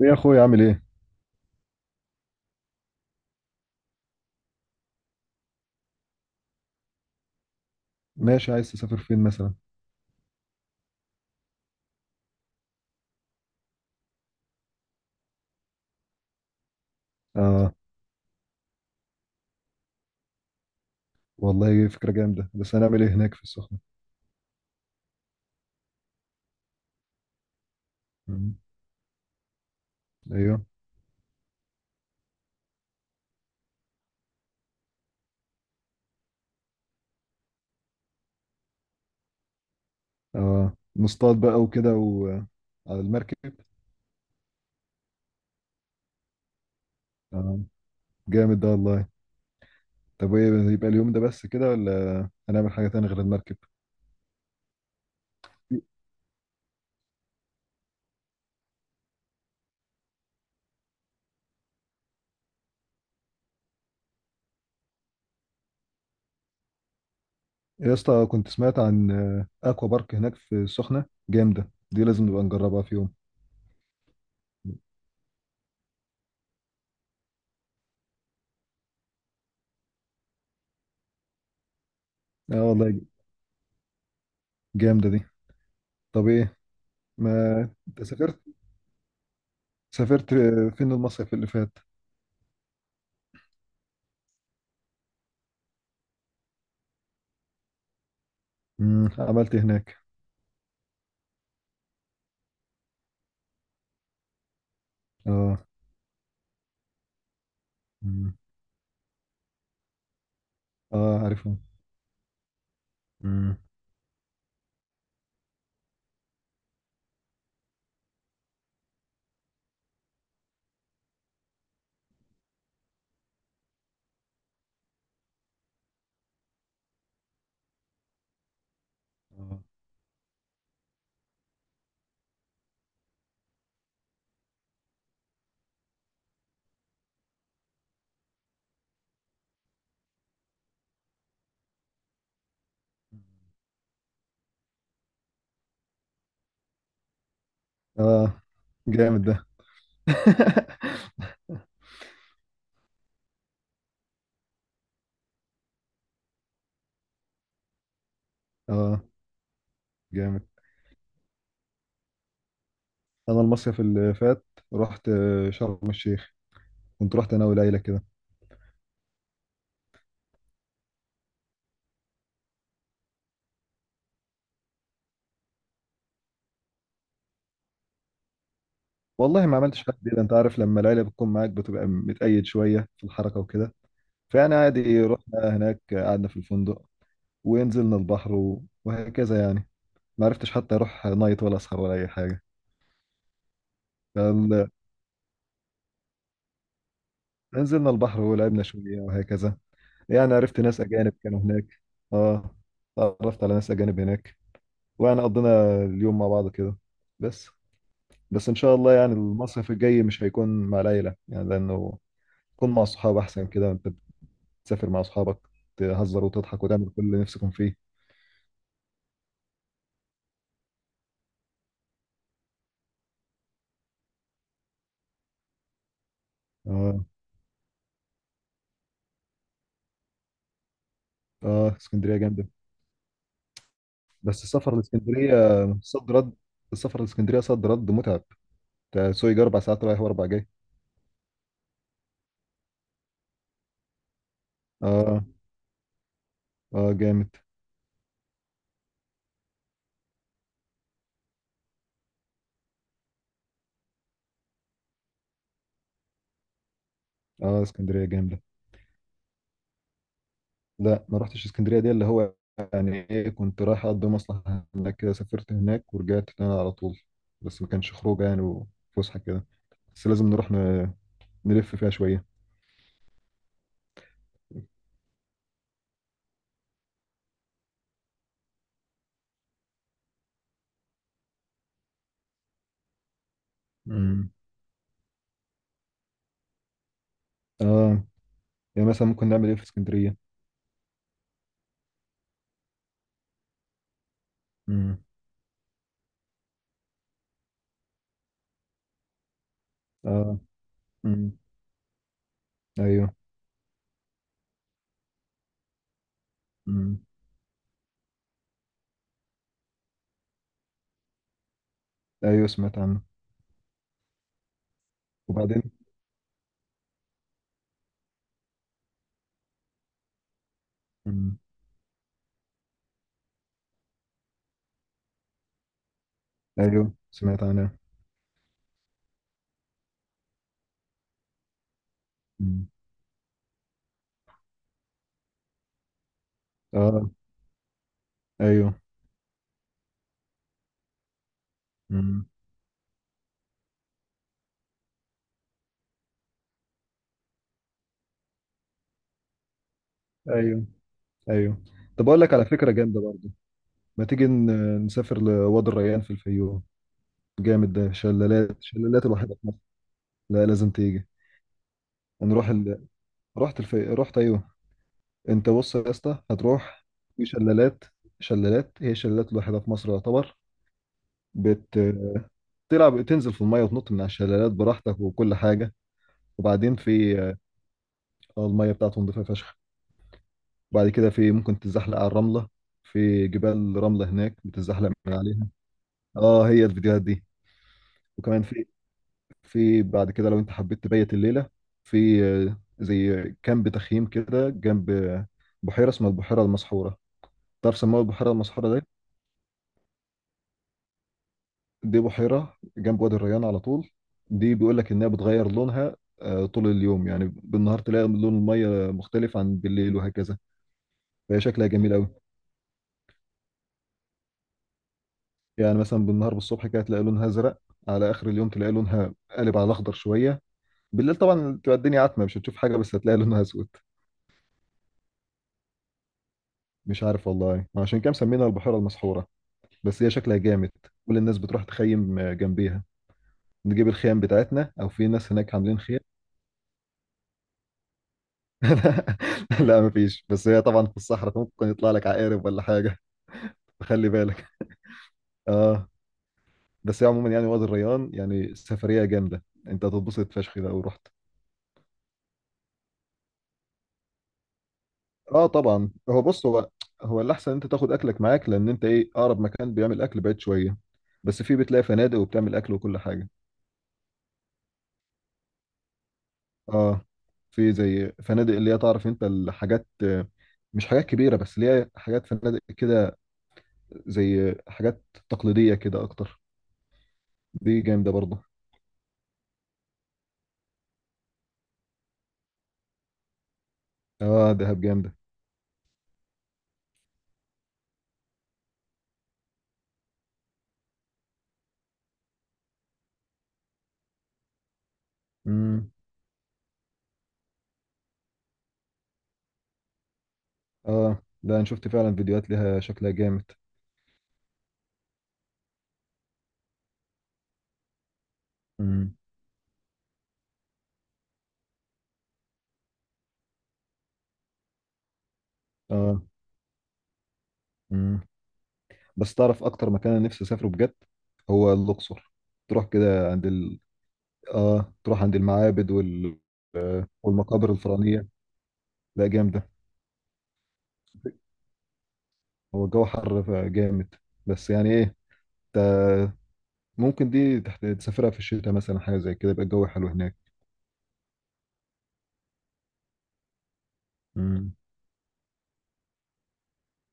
ايه يا اخويا عامل ايه؟ ماشي، عايز تسافر فين مثلا؟ اه، والله فكرة جامدة، بس هنعمل ايه هناك في السخنة؟ مم. ايوه. اه، نصطاد بقى وكده وعلى المركب. اه، جامد ده والله. طب ايه يبقى اليوم ده بس كده ولا هنعمل حاجة تانية غير المركب؟ يا اسطى، كنت سمعت عن اكوا بارك هناك في السخنة جامدة دي، لازم نبقى نجربها في يوم. اه والله، جامدة دي. طب ايه؟ ما انت سافرت، سافرت فين المصيف اللي فات؟ مم. عملت إيه هناك؟ اه. مم. اه عارفهم. مم. اه. آه. جامد ده. اه، جامد. انا المصيف اللي فات رحت شرم الشيخ، كنت رحت انا والعيله كده. والله ما عملتش حاجه جديده، انت عارف لما العيله بتكون معاك بتبقى متقيد شويه في الحركه وكده. فانا عادي رحنا هناك، قعدنا في الفندق ونزلنا البحر وهكذا يعني. ما عرفتش حتى اروح نايت ولا اسهر ولا اي حاجه. فال- نزلنا البحر ولعبنا شويه وهكذا. يعني عرفت ناس أجانب كانوا هناك. اه، تعرفت على ناس أجانب هناك، ويعني قضينا اليوم مع بعض كده بس. بس إن شاء الله يعني المصيف الجاي مش هيكون مع العيلة، يعني لأنه تكون مع أصحاب أحسن كده. أنت بتسافر مع أصحابك تهزر وتضحك وتعمل كل اللي نفسكم فيه. اه. اه، اسكندرية جامدة. بس السفر لاسكندرية صد رد، السفر لاسكندرية صد رد متعب، تسوق 4 ساعات رايح وأربع جاي. اه. اه، جامد. اه، اسكندرية جامدة. لا، ما رحتش اسكندرية. دي اللي هو يعني ايه، كنت رايح اقضي مصلحة هناك كده، سافرت هناك ورجعت تاني على طول. بس ما كانش خروج يعني، وفسحة كده. بس لازم نروح نلف فيها شوية. امم. اه. يعني مثلا ممكن نعمل ايه في اسكندرية؟ امم. اه. امم. ايوه. امم. ايوه سمعت عنه. وبعدين؟ امم. ايوه سمعت عنه. امم. اه. ايوه. امم. ايوه. ايوه. طب اقول لك على فكرة جامدة برضه. ما تيجي نسافر لوادي الريان في الفيوم؟ جامد ده، شلالات، شلالات الوحيدة في مصر. لا لازم تيجي. نروح ال... رحت أيوه. أنت بص يا اسطى هتروح، في شلالات، شلالات هي الشلالات الوحيدة في مصر يعتبر. بت... تلعب، تنزل في المية وتنط من على الشلالات براحتك وكل حاجة. وبعدين في المية بتاعتهم نضيفة فشخ. وبعد كده في ممكن تتزحلق على الرملة، في جبال رملة هناك بتتزحلق من عليها. اه هي الفيديوهات دي. وكمان في، بعد كده لو انت حبيت تبيت الليله، في زي كامب تخييم كده جنب بحيره اسمها البحيره المسحوره. تعرف سموها البحيره المسحوره دي؟ دي بحيره جنب وادي الريان على طول. دي بيقول لك انها بتغير لونها طول اليوم، يعني بالنهار تلاقي لون الميه مختلف عن بالليل وهكذا. فهي شكلها جميل قوي. يعني مثلا بالنهار، بالصبح كده تلاقي لونها ازرق، على اخر اليوم تلاقي لونها قالب على الاخضر شويه. بالليل طبعا تبقى الدنيا عتمه مش هتشوف حاجه، بس هتلاقي لونها اسود. مش عارف والله، عشان كده مسمينها البحيره المسحوره. بس هي شكلها جامد. كل الناس بتروح تخيم جنبيها، نجيب الخيام بتاعتنا او في ناس هناك عاملين خيام. لا مفيش، بس هي طبعا في الصحراء، ممكن يطلع لك عقارب ولا حاجه. فخلي بالك. اه. بس هي عموما يعني وادي الريان يعني سفريه جامده، انت هتتبسط فشخ لو رحت. اه طبعا. هو بص، هو الاحسن انت تاخد اكلك معاك، لان انت ايه، اقرب مكان بيعمل اكل بعيد شويه. بس في، بتلاقي فنادق وبتعمل اكل وكل حاجه. اه. في زي فنادق اللي هي تعرف انت الحاجات مش حاجات كبيرة، بس اللي هي حاجات فنادق كده، زي حاجات تقليدية كده اكتر. دي جامدة برضه. اه دهب جامدة. امم. اه، ده انا شفت فعلا فيديوهات ليها شكلها جامد. امم. اه. امم. بس تعرف اكتر مكان انا نفسي اسافره بجد هو الاقصر. تروح كده عند ال... اه، تروح عند المعابد وال... والمقابر الفرعونية. لا جامدة. هو الجو حر جامد، بس يعني ايه، انت ممكن دي تحت تسافرها في الشتاء مثلا، حاجة زي كده، يبقى الجو حلو هناك. امم.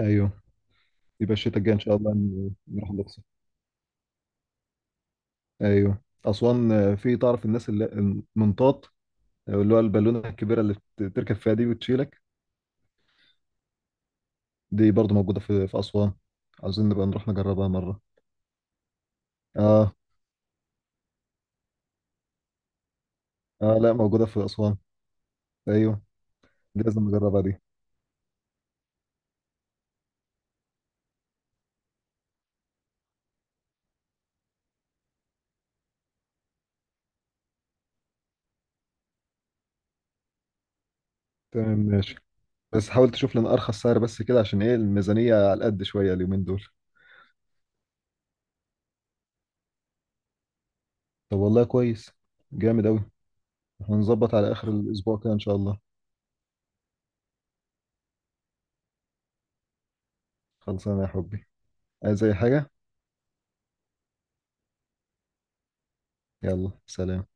ايوه. يبقى الشتاء الجاي ان شاء الله نروح الأقصر. ايوه أسوان في تعرف الناس اللي المنطاط، اللي هو البالونة الكبيرة اللي تركب فيها دي وتشيلك. دي برضو موجودة في أسوان. عاوزين نبقى نروح نجربها مرة. اه. اه لا، موجودة في أسوان. ايوه، دي لازم نجربها دي. تمام ماشي. بس حاول تشوف لنا أرخص سعر بس كده، عشان ايه الميزانية على قد شوية اليومين دول. طب والله كويس، جامد أوي. احنا نظبط على آخر الأسبوع كده إن شاء الله. خلصانة يا حبي. عايز أي حاجة؟ يلا سلام.